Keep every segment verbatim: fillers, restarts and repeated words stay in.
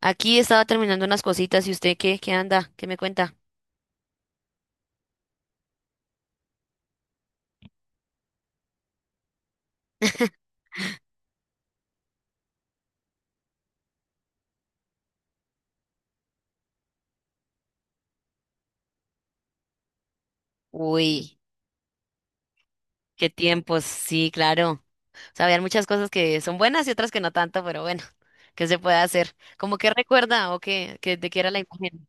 Aquí estaba terminando unas cositas y usted qué, qué anda, qué me cuenta. Uy, qué tiempos, sí, claro. O sea, habían muchas cosas que son buenas y otras que no tanto, pero bueno, ¿qué se puede hacer? ¿Cómo que recuerda o qué, que de qué era la imagen?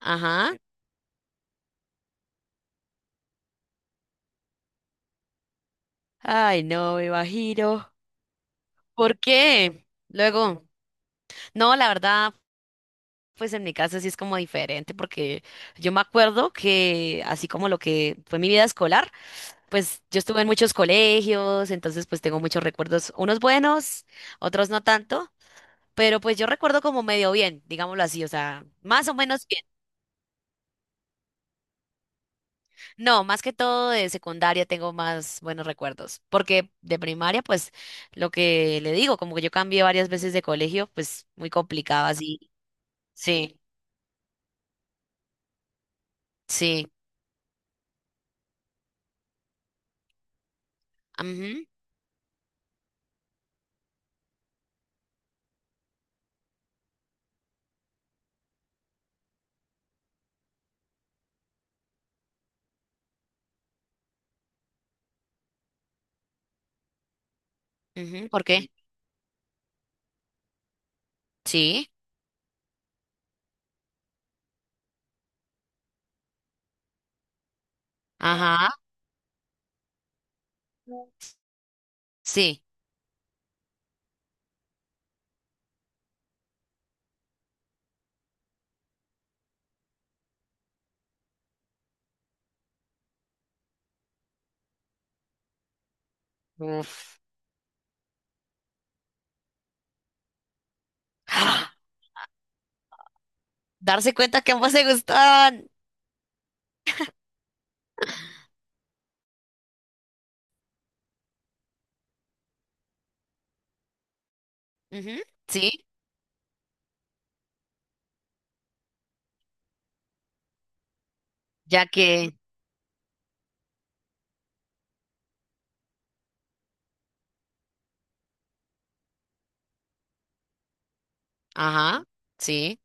Ajá. Ay, no, me imagino. ¿Por qué? Luego, no, la verdad, pues en mi caso sí es como diferente, porque yo me acuerdo que así como lo que fue mi vida escolar, pues yo estuve en muchos colegios, entonces pues tengo muchos recuerdos, unos buenos, otros no tanto, pero pues yo recuerdo como medio bien, digámoslo así, o sea, más o menos bien. No, más que todo de secundaria tengo más buenos recuerdos, porque de primaria pues lo que le digo, como que yo cambié varias veces de colegio, pues muy complicado así. Sí, sí. Mhm. ¿Por qué? Sí, ajá, sí. Uf. ¡Ah! Darse cuenta que ambos se gustaban. Ujú. Sí. Ya que, ajá, sí.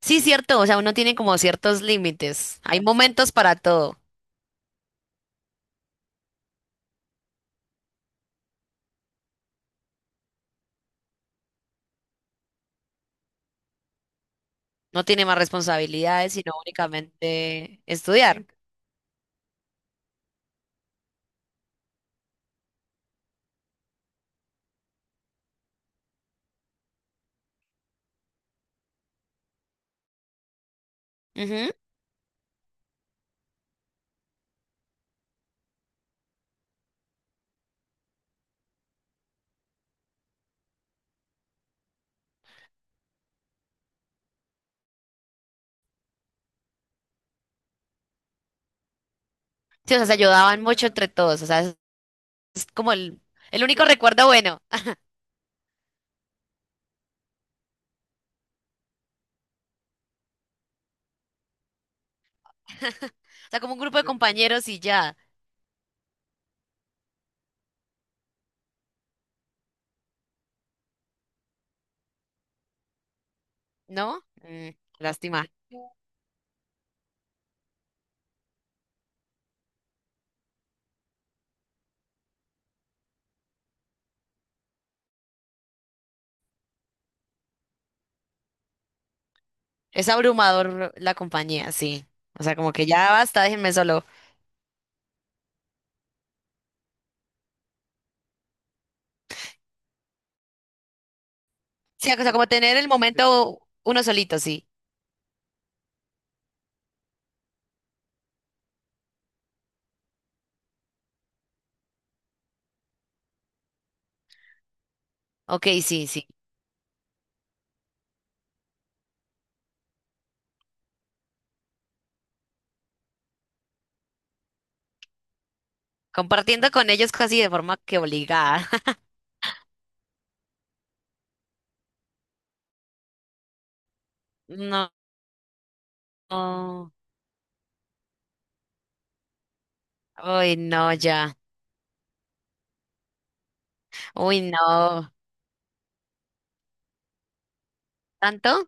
Sí, cierto, o sea, uno tiene como ciertos límites. Hay momentos para todo. No tiene más responsabilidades, sino únicamente estudiar. Ujú. Sí, o sea, se ayudaban mucho entre todos. O sea, es es como el, el único recuerdo bueno. O sea, como un grupo de compañeros y ya, ¿no? Mm, lástima. Es abrumador la compañía, sí. O sea, como que ya basta, déjenme solo. Sí, o sea, como tener el momento uno solito, sí. Ok, sí, sí. Compartiendo con ellos casi de forma que obligada. No. No. Uy, no, ya. Uy, no. ¿Tanto?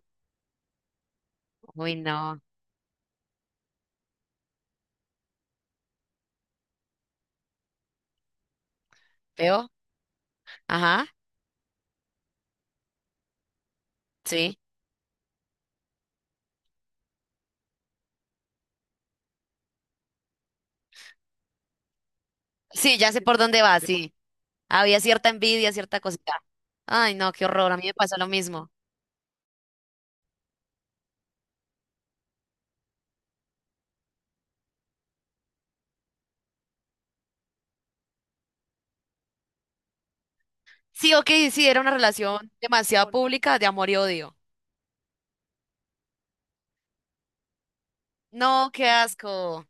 Uy, no. ¿Veo? Ajá. Sí. Sí, ya sé por dónde va, sí. Había cierta envidia, cierta cosita. Ay, no, qué horror. A mí me pasó lo mismo. Sí, ok, sí, era una relación demasiado pública de amor y odio. No, qué asco.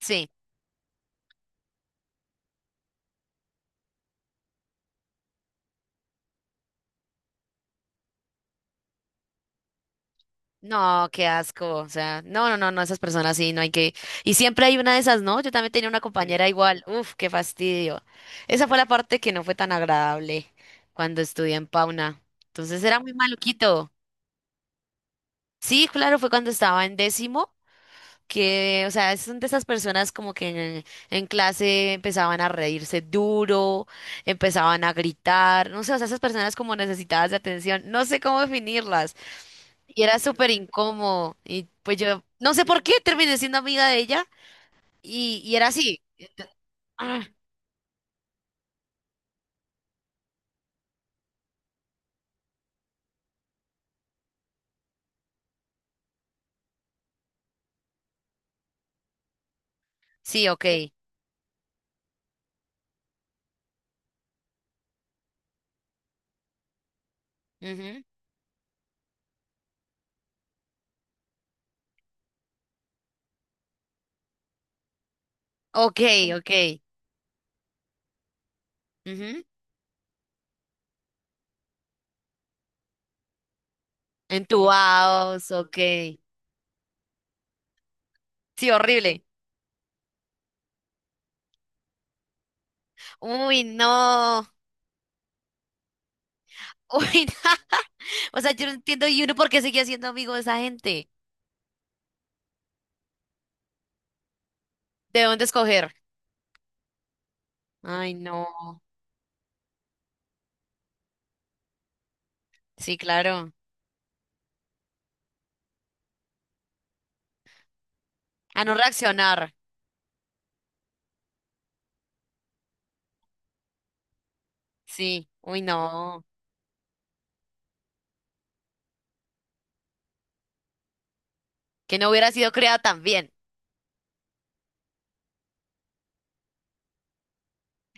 Sí. No, qué asco. O sea, no, no, no, no, esas personas sí, no hay que. Y siempre hay una de esas, ¿no? Yo también tenía una. Sí, compañera igual. Uf, qué fastidio. Esa fue la parte que no fue tan agradable cuando estudié en Pauna. Entonces era muy maluquito. Sí, claro, fue cuando estaba en décimo, que, o sea, son de esas personas como que en, en clase empezaban a reírse duro, empezaban a gritar, no sé, o sea, esas personas como necesitadas de atención, no sé cómo definirlas. Y era súper incómodo. Y pues yo, no sé por qué, terminé siendo amiga de ella. Y, y era así. Ent- ah, sí, ok. Ujú. Ok, ok. Ujú. Entubados, ok. Sí, horrible. Uy, no. Uy. O sea, yo no entiendo y uno por qué seguía siendo amigo de esa gente. ¿De dónde escoger? Ay, no. Sí, claro. A no reaccionar. Sí. Uy, no. Que no hubiera sido creada tan bien.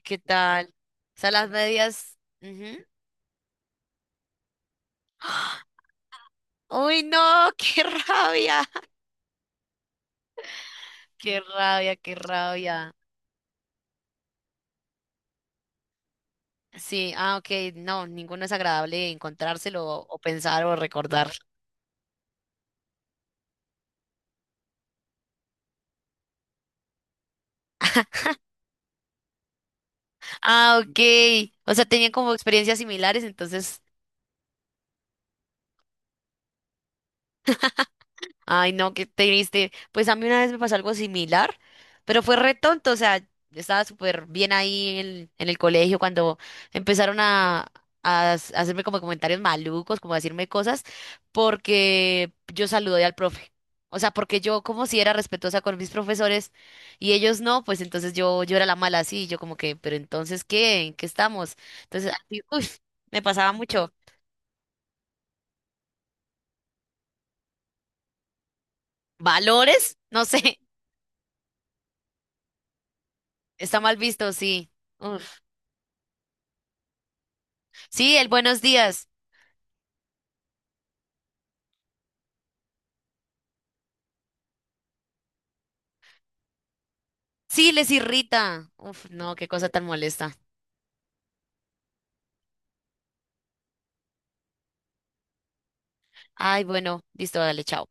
¿Qué tal? O sea, las medias. Ujú. Uy, no. Qué rabia, qué rabia, qué rabia. Sí, ah, ok, no, ninguno es agradable encontrárselo o, o pensar o recordar. Ah, ok, o sea, tenían como experiencias similares, entonces ay, no, qué triste. Pues a mí una vez me pasó algo similar, pero fue re tonto, o sea, estaba súper bien ahí en, en el colegio cuando empezaron a, a as- hacerme como comentarios malucos, como a decirme cosas, porque yo saludé al profe. O sea, porque yo como si era respetuosa con mis profesores y ellos no, pues entonces yo, yo era la mala así, yo como que, pero entonces, ¿qué? ¿En qué estamos? Entonces, así, uy, me pasaba mucho. ¿Valores? No sé, está mal visto, sí. Sí, el buenos días. Sí, les irrita. Uf, no, qué cosa tan molesta. Ay, bueno, listo, dale, chao.